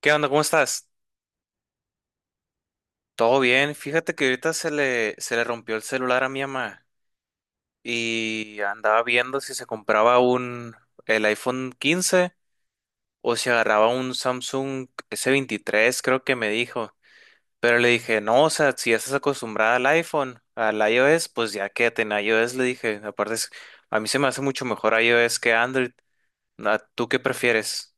¿Qué onda? ¿Cómo estás? Todo bien. Fíjate que ahorita se le rompió el celular a mi mamá y andaba viendo si se compraba un el iPhone 15 o si agarraba un Samsung S23, creo que me dijo. Pero le dije, no, o sea, si ya estás acostumbrada al iPhone, al iOS, pues ya quédate en iOS, le dije. Aparte, a mí se me hace mucho mejor iOS que Android. ¿Tú qué prefieres?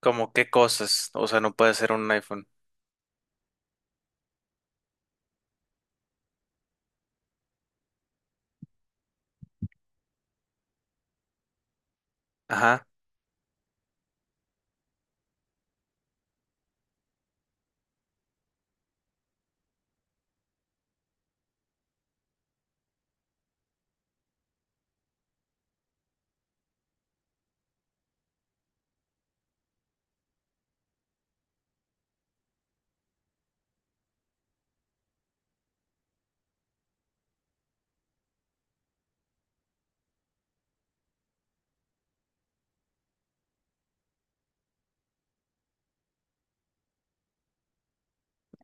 ¿Cómo qué cosas? O sea, no puede ser un iPhone.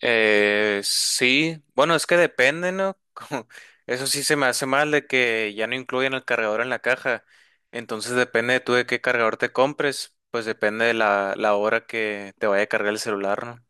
Sí, bueno, es que depende, ¿no? Eso sí se me hace mal de que ya no incluyen el cargador en la caja. Entonces depende de tú de qué cargador te compres, pues depende de la hora que te vaya a cargar el celular, ¿no?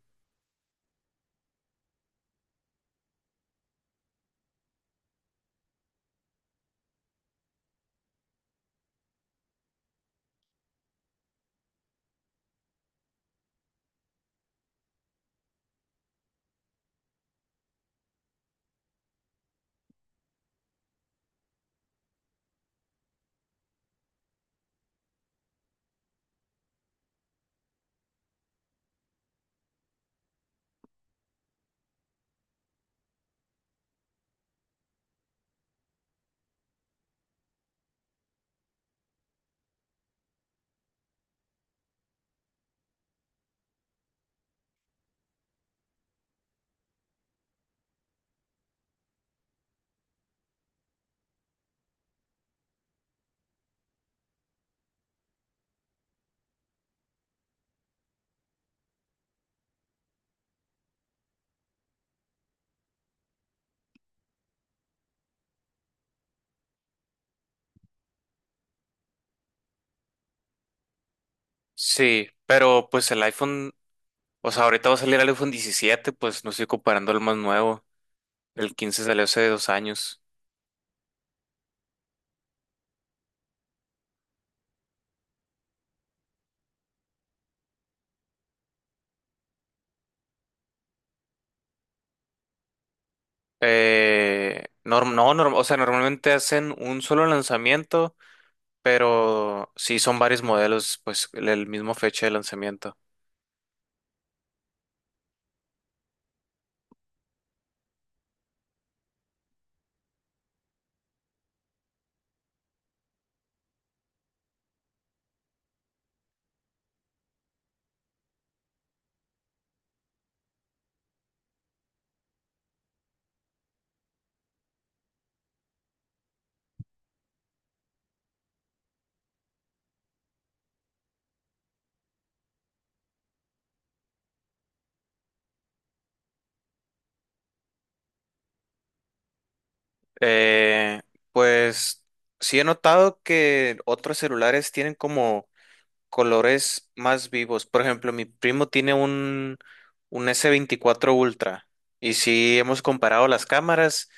Sí, pero pues el iPhone, o sea, ahorita va a salir el iPhone 17, pues no estoy comparando el más nuevo. El 15 salió hace 2 años. Norm- no, norm- O sea, normalmente hacen un solo lanzamiento pero sí son varios modelos, pues el mismo fecha de lanzamiento. Eh, pues sí he notado que otros celulares tienen como colores más vivos. Por ejemplo, mi primo tiene un S24 Ultra y sí hemos comparado las cámaras,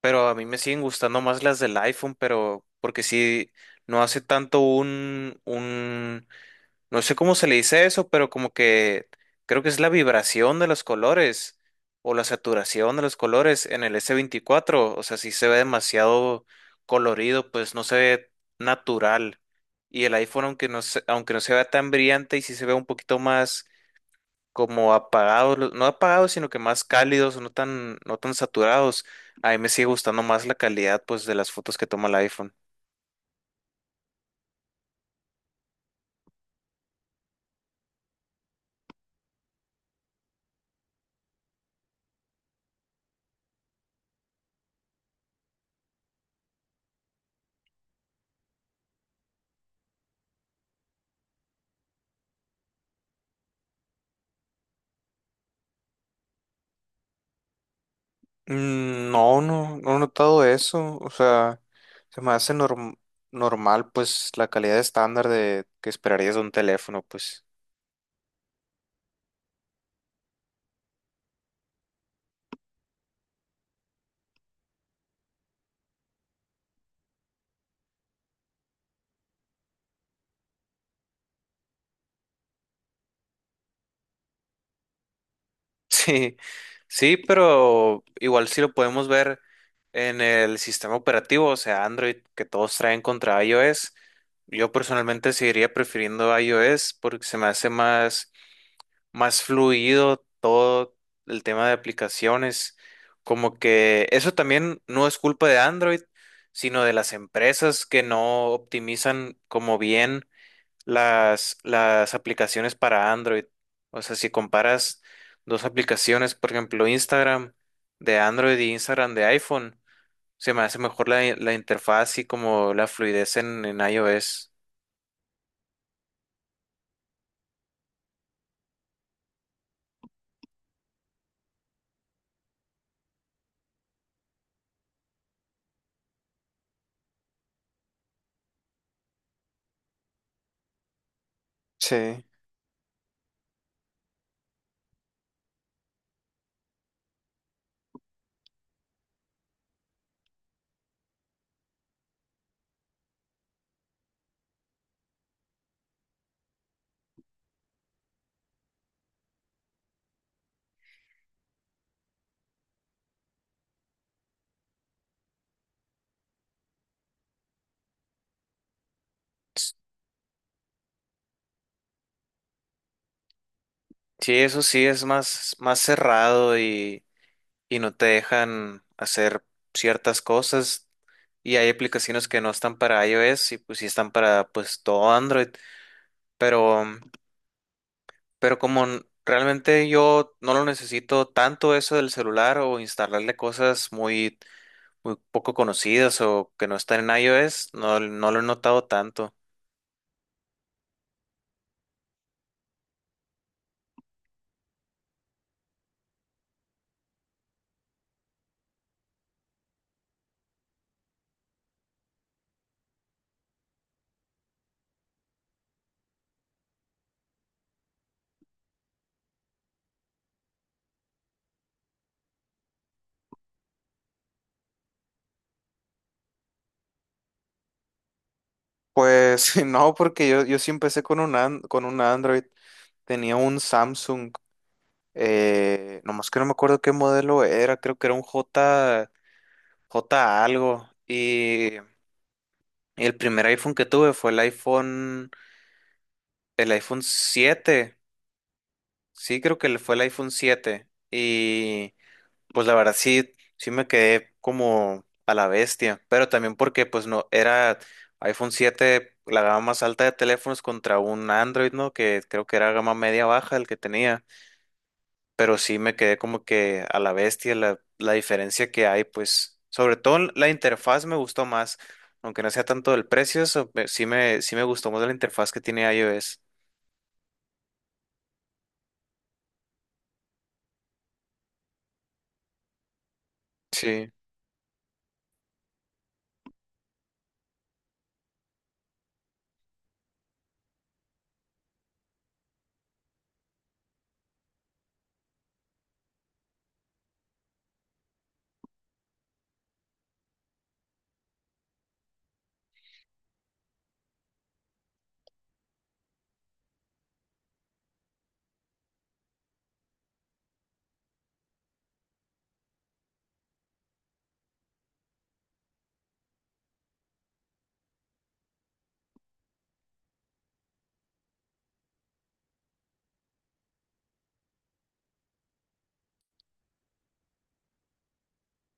pero a mí me siguen gustando más las del iPhone, pero porque sí no hace tanto un. No sé cómo se le dice eso, pero como que creo que es la vibración de los colores o la saturación de los colores en el S24. O sea, si se ve demasiado colorido, pues no se ve natural. Y el iPhone, aunque no se vea tan brillante y sí se ve un poquito más como apagado, no apagados, sino que más cálidos, no tan saturados. A mí me sigue gustando más la calidad, pues, de las fotos que toma el iPhone. No, no, no he notado eso. O sea, se me hace normal, pues, la calidad estándar de que esperarías de un teléfono, pues. Sí, sí, pero igual sí lo podemos ver en el sistema operativo, o sea, Android, que todos traen contra iOS. Yo personalmente seguiría prefiriendo iOS porque se me hace más fluido todo el tema de aplicaciones. Como que eso también no es culpa de Android, sino de las empresas que no optimizan como bien las aplicaciones para Android. O sea, si comparas dos aplicaciones, por ejemplo, Instagram de Android y Instagram de iPhone, se me hace mejor la interfaz y como la fluidez en iOS. Sí. Sí, eso sí es más, más cerrado y no te dejan hacer ciertas cosas y hay aplicaciones que no están para iOS y pues sí están para pues todo Android, pero pero como realmente yo no lo necesito tanto eso del celular o instalarle cosas muy muy poco conocidas o que no están en iOS, no lo he notado tanto. Pues no, porque yo sí empecé con un Android. Tenía un Samsung, nomás que no me acuerdo qué modelo era, creo que era un J, J algo. Y el primer iPhone que tuve fue el iPhone siete. Sí, creo que fue el iPhone 7. Y pues la verdad sí, sí me quedé como a la bestia. Pero también porque pues no, era iPhone 7 la gama más alta de teléfonos contra un Android, ¿no? Que creo que era gama media baja el que tenía. Pero sí me quedé como que a la bestia la diferencia que hay, pues sobre todo en la interfaz me gustó más, aunque no sea tanto del precio, sí me gustó más la interfaz que tiene iOS. Sí,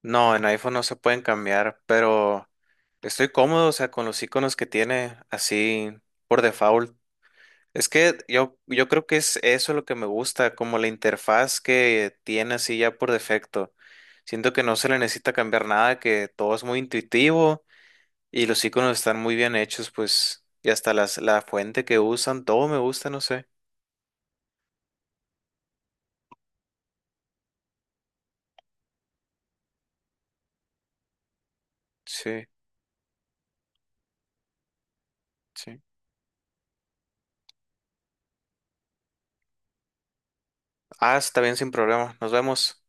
no, en iPhone no se pueden cambiar, pero estoy cómodo, o sea, con los iconos que tiene así por default. Es que yo creo que es eso lo que me gusta, como la interfaz que tiene así ya por defecto. Siento que no se le necesita cambiar nada, que todo es muy intuitivo. Y los iconos están muy bien hechos, pues, y hasta las, la fuente que usan, todo me gusta, no sé. Sí, sí. Ah, está bien, sin problema. Nos vemos.